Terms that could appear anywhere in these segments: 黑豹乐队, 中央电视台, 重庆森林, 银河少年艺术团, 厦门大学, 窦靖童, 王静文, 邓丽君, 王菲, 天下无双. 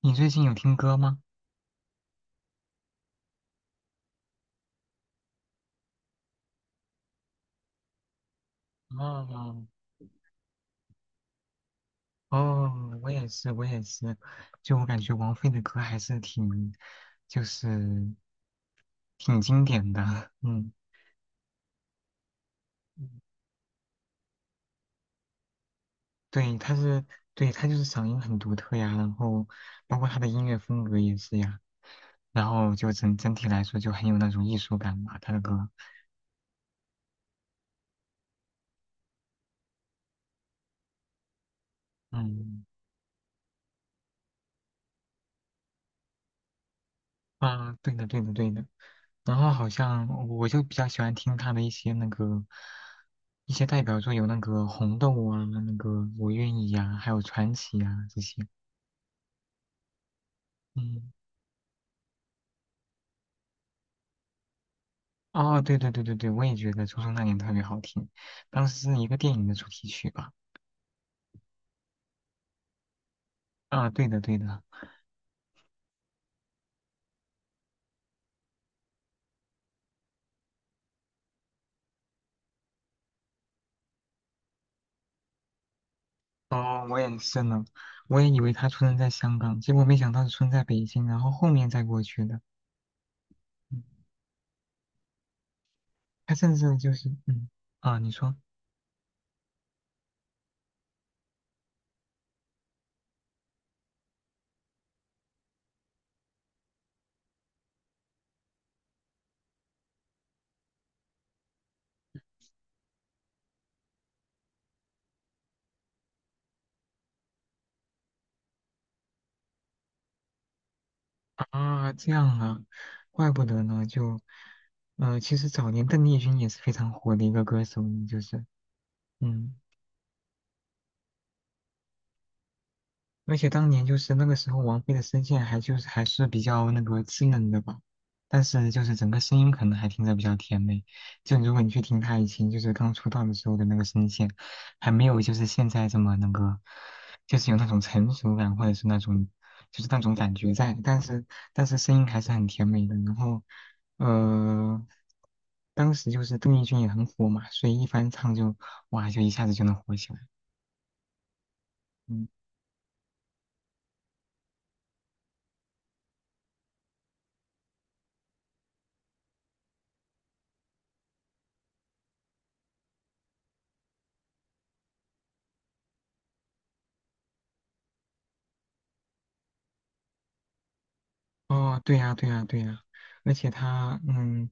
你最近有听歌吗？哦哦，我也是，就我感觉王菲的歌还是挺，就是挺经典的。嗯，嗯对，她是，对，她就是嗓音很独特呀，然后包括她的音乐风格也是呀，然后就整体来说就很有那种艺术感吧，她的歌。嗯，啊，对的，对的，对的。然后好像我就比较喜欢听他的一些那个一些代表作，有那个红豆啊，那个我愿意呀、还有传奇呀、啊这些。嗯，哦，对，我也觉得《初中那年》特别好听，当时是一个电影的主题曲吧？啊，对的。哦，我也是呢，我也以为他出生在香港，结果没想到是出生在北京，然后后面再过去的。嗯他甚至就是啊，你说。啊，这样啊，怪不得呢，就，其实早年邓丽君也是非常火的一个歌手呢就是，嗯。而且当年就是那个时候，王菲的声线还是比较那个稚嫩的吧，但是就是整个声音可能还听着比较甜美。就如果你去听她以前就是刚出道的时候的那个声线，还没有就是现在这么那个，就是有那种成熟感或者是那种就是那种感觉在，但是声音还是很甜美的。然后，呃，当时就是邓丽君也很火嘛，所以一翻唱就哇就一下子就能火起来。嗯。哦，对呀，对呀，对呀，而且他，嗯，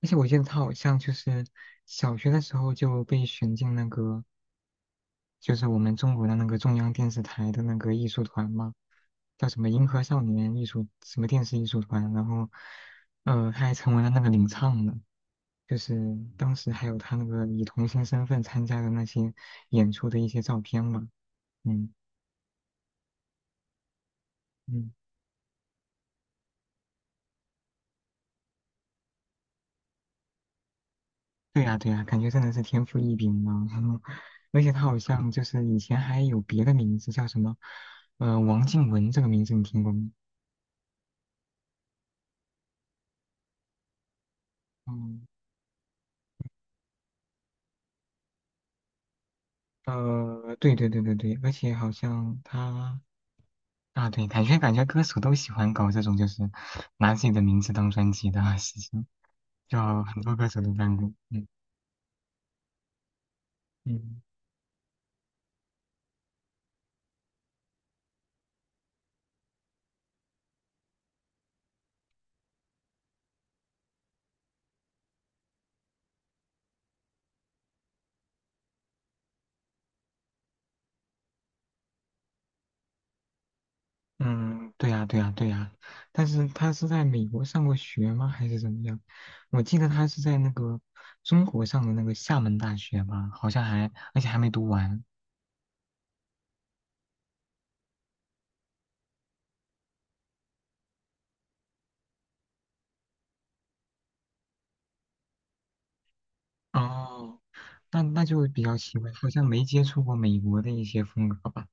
而且我记得他好像就是小学的时候就被选进那个，就是我们中国的那个中央电视台的那个艺术团嘛，叫什么银河少年艺术什么电视艺术团，然后，他还成为了那个领唱呢，就是当时还有他那个以童星身份参加的那些演出的一些照片嘛，嗯。嗯对呀，感觉真的是天赋异禀呢。而且他好像就是以前还有别的名字叫什么，王静文这个名字你听过吗？嗯，对，而且好像他啊，对，感觉歌手都喜欢搞这种就是拿自己的名字当专辑的啊事情，就很多歌手都干过。嗯嗯。嗯，对呀，对呀，对呀，但是他是在美国上过学吗？还是怎么样？我记得他是在那个中国上的那个厦门大学吧，好像还，而且还没读完。哦，那就比较奇怪，好像没接触过美国的一些风格吧。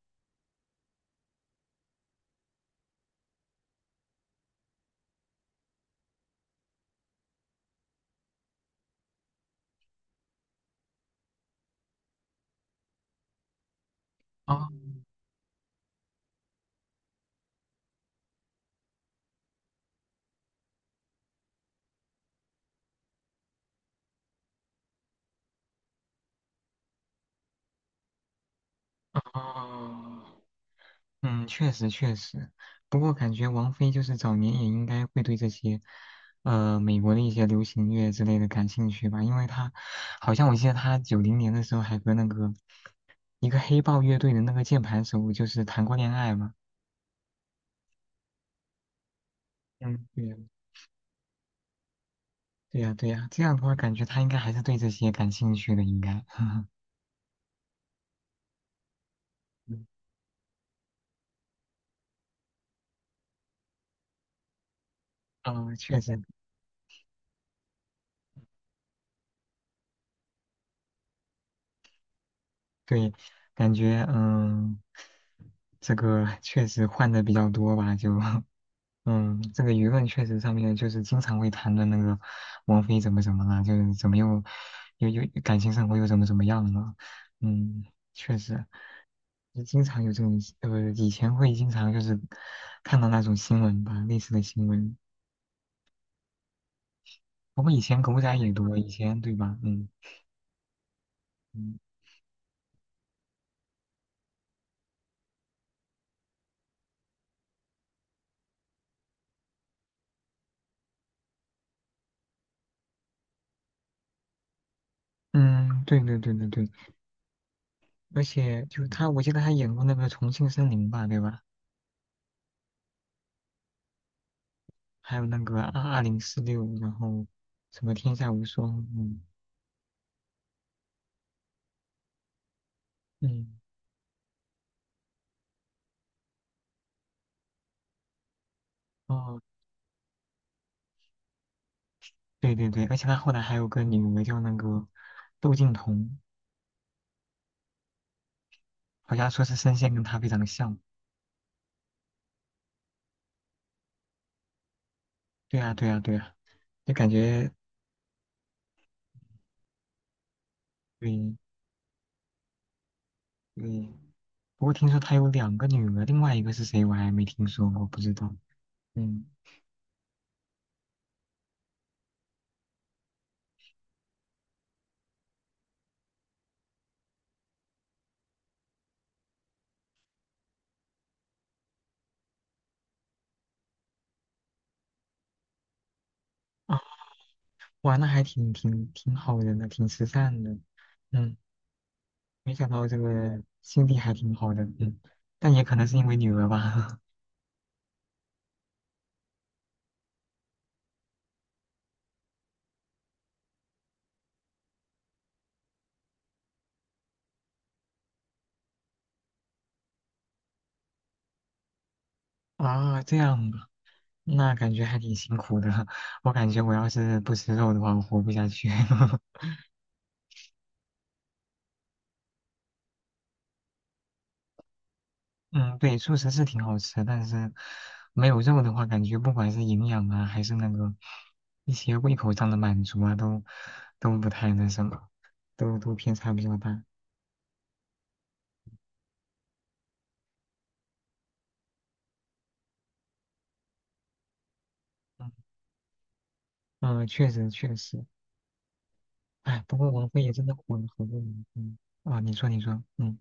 哦，哦，嗯，确实，不过感觉王菲就是早年也应该会对这些，美国的一些流行乐之类的感兴趣吧，因为她好像我记得她90年的时候还和那个一个黑豹乐队的那个键盘手就是谈过恋爱嘛。嗯，对呀，对呀，对呀，这样的话感觉她应该还是对这些感兴趣的，应该。嗯，呃确实，对，感觉嗯，这个确实换的比较多吧，就。嗯，这个舆论确实上面就是经常会谈的那个王菲怎么怎么了，就是怎么又感情生活又怎么怎么样了。嗯，确实，就经常有这种以前会经常就是看到那种新闻吧，类似的新闻。不过以前狗仔也多，以前对吧？嗯嗯嗯，对，而且就他，我记得他演过那个《重庆森林》吧，对吧？还有那个2046，然后什么《天下无双》，嗯嗯。哦，对，而且他后来还有个女儿叫那个窦靖童，好像说是声线跟他非常像。对啊，就感觉对对。不过听说他有两个女儿，另外一个是谁我还没听说过，不知道。嗯啊，哇，那还挺好人的呢，挺慈善的。嗯，没想到这个心地还挺好的。嗯，但也可能是因为女儿吧。啊，这样吧，那感觉还挺辛苦的。我感觉我要是不吃肉的话，我活不下去。嗯，对，素食是挺好吃，但是没有肉的话，感觉不管是营养啊，还是那个一些胃口上的满足啊，都不太那什么，都偏差比较大。嗯，呃确实，哎，不过王菲也真的火了好多年。嗯，啊，你说，嗯，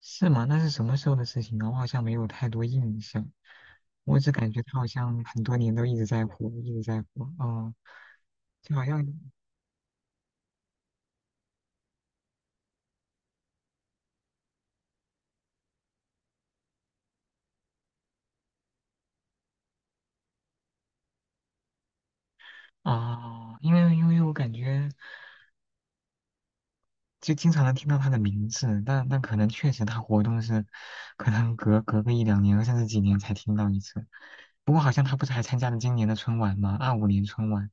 是吗？那是什么时候的事情呢？我好像没有太多印象，我只感觉她好像很多年都一直在火，一直在火。哦，就好像啊，因为我感觉。就经常能听到他的名字，但但可能确实他活动是，可能隔个1两年甚至几年才听到一次。不过好像他不是还参加了今年的春晚吗？25年春晚。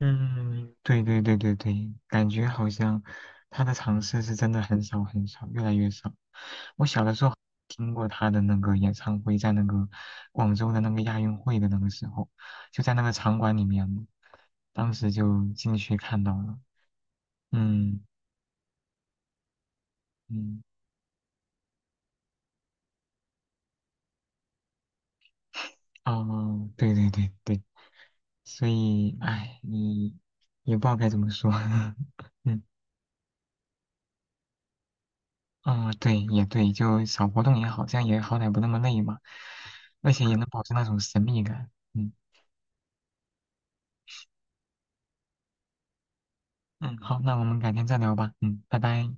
嗯，对，感觉好像他的尝试是真的很少很少，越来越少。我小的时候听过他的那个演唱会，在那个广州的那个亚运会的那个时候，就在那个场馆里面，当时就进去看到了。嗯嗯。哦，对，所以，哎，你也不知道该怎么说，嗯，哦对，也对，就少活动也好，这样也好歹不那么累嘛，而且也能保持那种神秘感，嗯嗯，好，那我们改天再聊吧，嗯，拜拜。